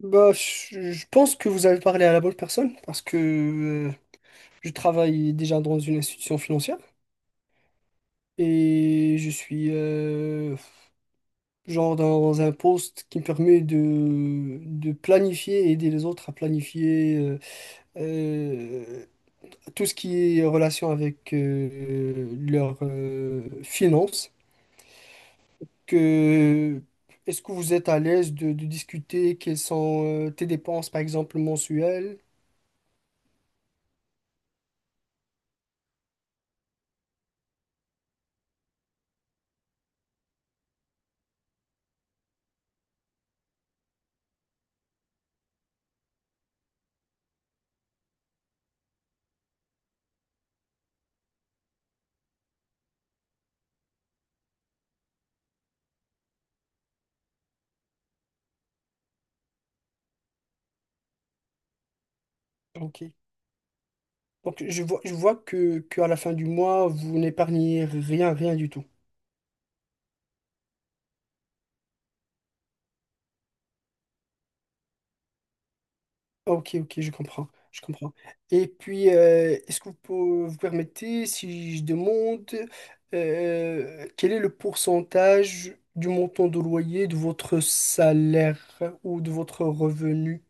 Bah, je pense que vous avez parlé à la bonne personne parce que euh, je travaille déjà dans une institution financière et je suis genre dans un poste qui me permet de planifier, aider les autres à planifier euh, tout ce qui est en relation avec leurs finances. Que, est-ce que vous êtes à l'aise de discuter quelles sont tes dépenses, par exemple, mensuelles? Ok. Donc, je vois que à la fin du mois, vous n'épargnez rien, rien du tout. Ok, ok, je comprends. Et puis, est-ce que vous permettez, si je demande, quel est le pourcentage du montant de loyer de votre salaire ou de votre revenu?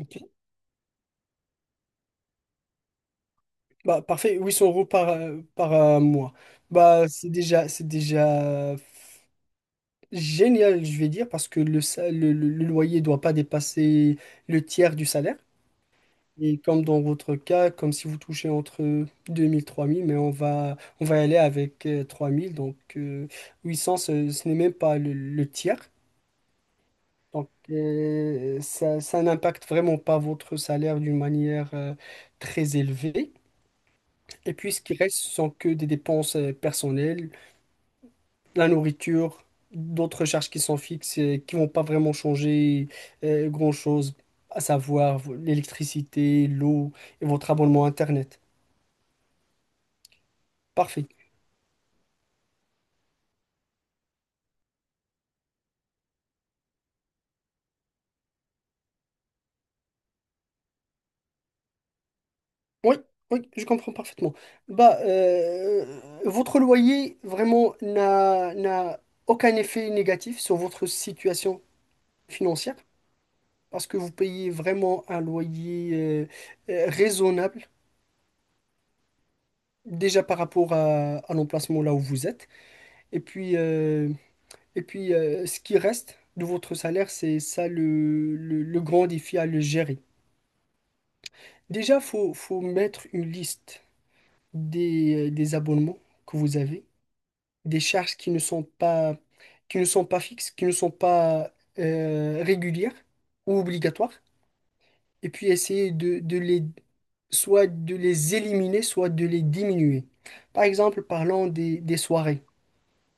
Ok. Bah, parfait, 800 € par mois. Bah, c'est déjà génial, je vais dire, parce que le, sa- le loyer ne doit pas dépasser le tiers du salaire. Et comme dans votre cas, comme si vous touchez entre 2000 3000, mais on va y aller avec 3000. Donc 800, ce n'est même pas le tiers. Donc ça, ça n'impacte vraiment pas votre salaire d'une manière très élevée. Et puis ce qui reste, ce sont que des dépenses personnelles, la nourriture, d'autres charges qui sont fixes et qui vont pas vraiment changer grand-chose, à savoir l'électricité, l'eau et votre abonnement Internet. Parfait. Oui, oui, je comprends parfaitement. Bah, votre loyer vraiment n'a aucun effet négatif sur votre situation financière parce que vous payez vraiment un loyer raisonnable déjà par rapport à l'emplacement là où vous êtes. Et puis, euh, Et puis, ce qui reste de votre salaire, c'est ça le grand défi à le gérer. Déjà, faut mettre une liste des abonnements que vous avez, des charges qui ne sont pas fixes, qui ne sont pas régulières ou obligatoires. Et puis, essayer de les, soit de les éliminer, soit de les diminuer. Par exemple, parlons des soirées.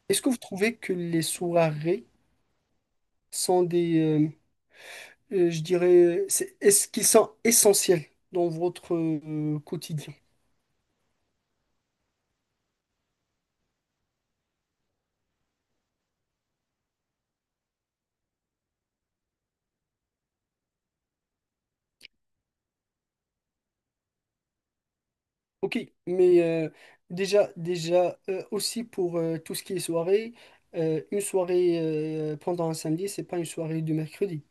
Est-ce que vous trouvez que les soirées sont je dirais, est-ce qu'ils sont essentiels dans votre quotidien? Ok, mais déjà, aussi pour tout ce qui est soirée, une soirée pendant un samedi, c'est pas une soirée du mercredi.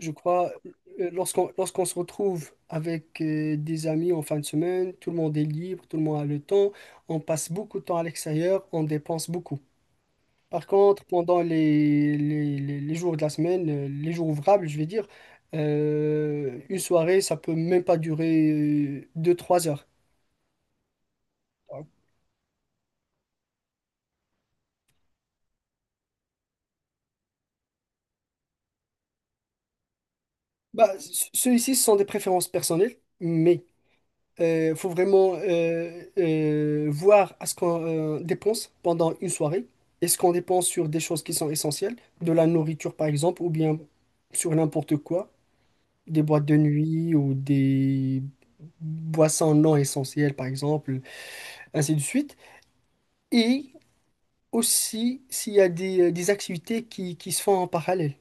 Je crois, lorsqu'on se retrouve avec des amis en fin de semaine, tout le monde est libre, tout le monde a le temps, on passe beaucoup de temps à l'extérieur, on dépense beaucoup. Par contre, pendant les jours de la semaine, les jours ouvrables, je vais dire, une soirée, ça peut même pas durer deux trois heures. Bah, ceux-ci, ce sont des préférences personnelles, mais il faut vraiment voir à ce qu'on dépense pendant une soirée. Est-ce qu'on dépense sur des choses qui sont essentielles, de la nourriture par exemple, ou bien sur n'importe quoi, des boîtes de nuit ou des boissons non essentielles par exemple. Ainsi de suite. Et aussi s'il y a des activités qui se font en parallèle.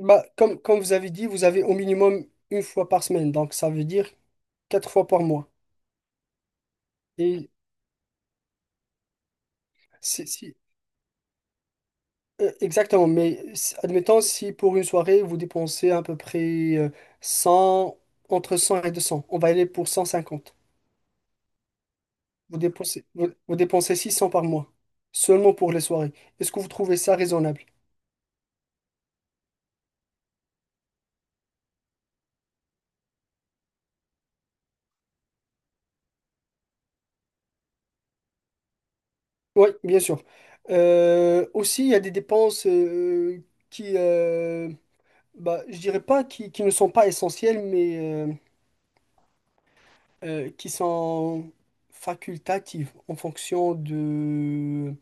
Bah, comme vous avez dit, vous avez au minimum une fois par semaine, donc ça veut dire quatre fois par mois. Et si, si- exactement, mais admettons si pour une soirée, vous dépensez à peu près 100, entre 100 et 200 on va aller pour cent cinquante. Vous dépensez, vous dépensez 600 par mois, seulement pour les soirées. Est-ce que vous trouvez ça raisonnable? Oui, bien sûr. Aussi, il y a des dépenses qui, euh, bah, je dirais pas qui ne sont pas essentielles, mais euh, qui sont facultatives en fonction de,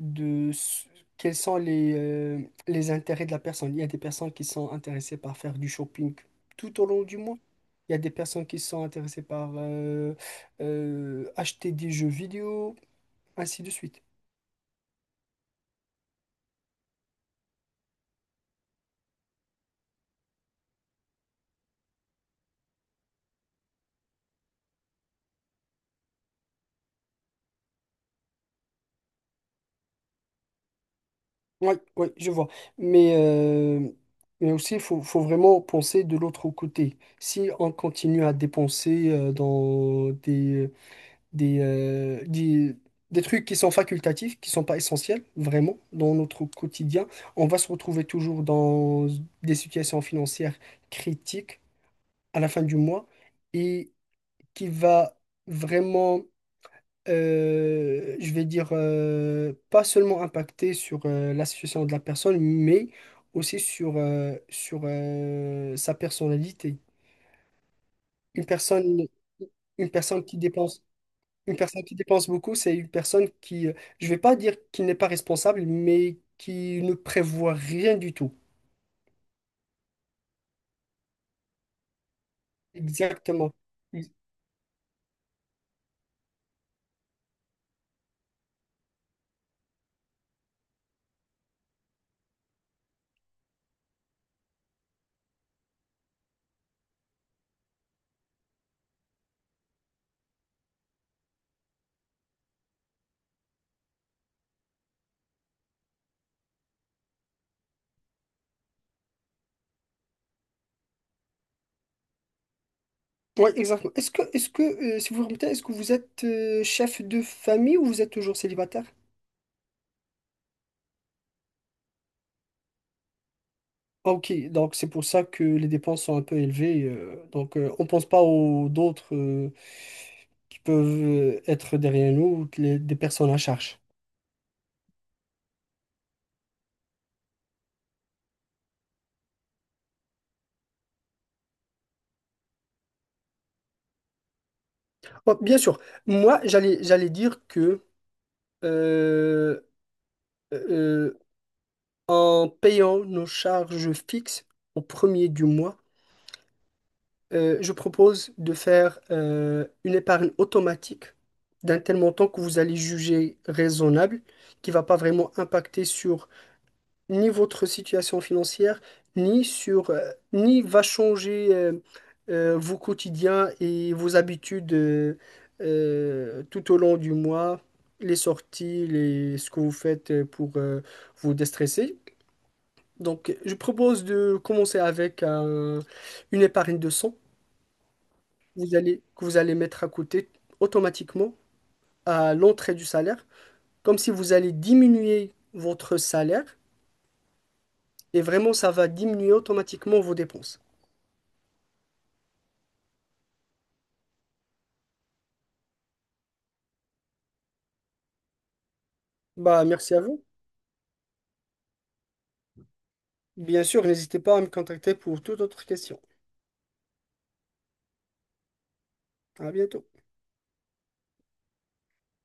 de s- quels sont les intérêts de la personne. Il y a des personnes qui sont intéressées par faire du shopping tout au long du mois. Il y a des personnes qui sont intéressées par acheter des jeux vidéo, ainsi de suite. Oui, oui, je vois. Mais, euh, mais aussi, il faut vraiment penser de l'autre côté. Si on continue à dépenser dans des, euh, des, des trucs qui sont facultatifs, qui sont pas essentiels, vraiment, dans notre quotidien, on va se retrouver toujours dans des situations financières critiques à la fin du mois et qui va vraiment je vais dire, pas seulement impacté sur la situation de la personne, mais aussi sur sa personnalité. Une personne, une personne qui dépense, une personne qui dépense beaucoup, c'est une personne qui, je vais pas dire qu'il n'est pas responsable, mais qui ne prévoit rien du tout. Exactement. Ex- Ouais, exactement. Est-ce que, si vous me permettez, est-ce que vous êtes chef de famille ou vous êtes toujours célibataire? Ah, Ok, donc c'est pour ça que les dépenses sont un peu élevées. Donc, on pense pas aux d'autres qui peuvent être derrière nous, des personnes à charge. Bon, bien sûr, moi j'allais dire que euh, euh, en payant nos charges fixes au premier du mois, je propose de faire une épargne automatique d'un tel montant que vous allez juger raisonnable, qui va pas vraiment impacter sur ni votre situation financière, ni sur, ni va changer vos quotidiens et vos habitudes tout au long du mois, les sorties, ce que vous faites pour vous déstresser. Donc, je propose de commencer avec une épargne de cent. Vous allez, que vous allez mettre à côté automatiquement à l'entrée du salaire, comme si vous allez diminuer votre salaire et vraiment ça va diminuer automatiquement vos dépenses. Bah, merci à vous. Bien sûr, n'hésitez pas à me contacter pour toute autre question. À bientôt.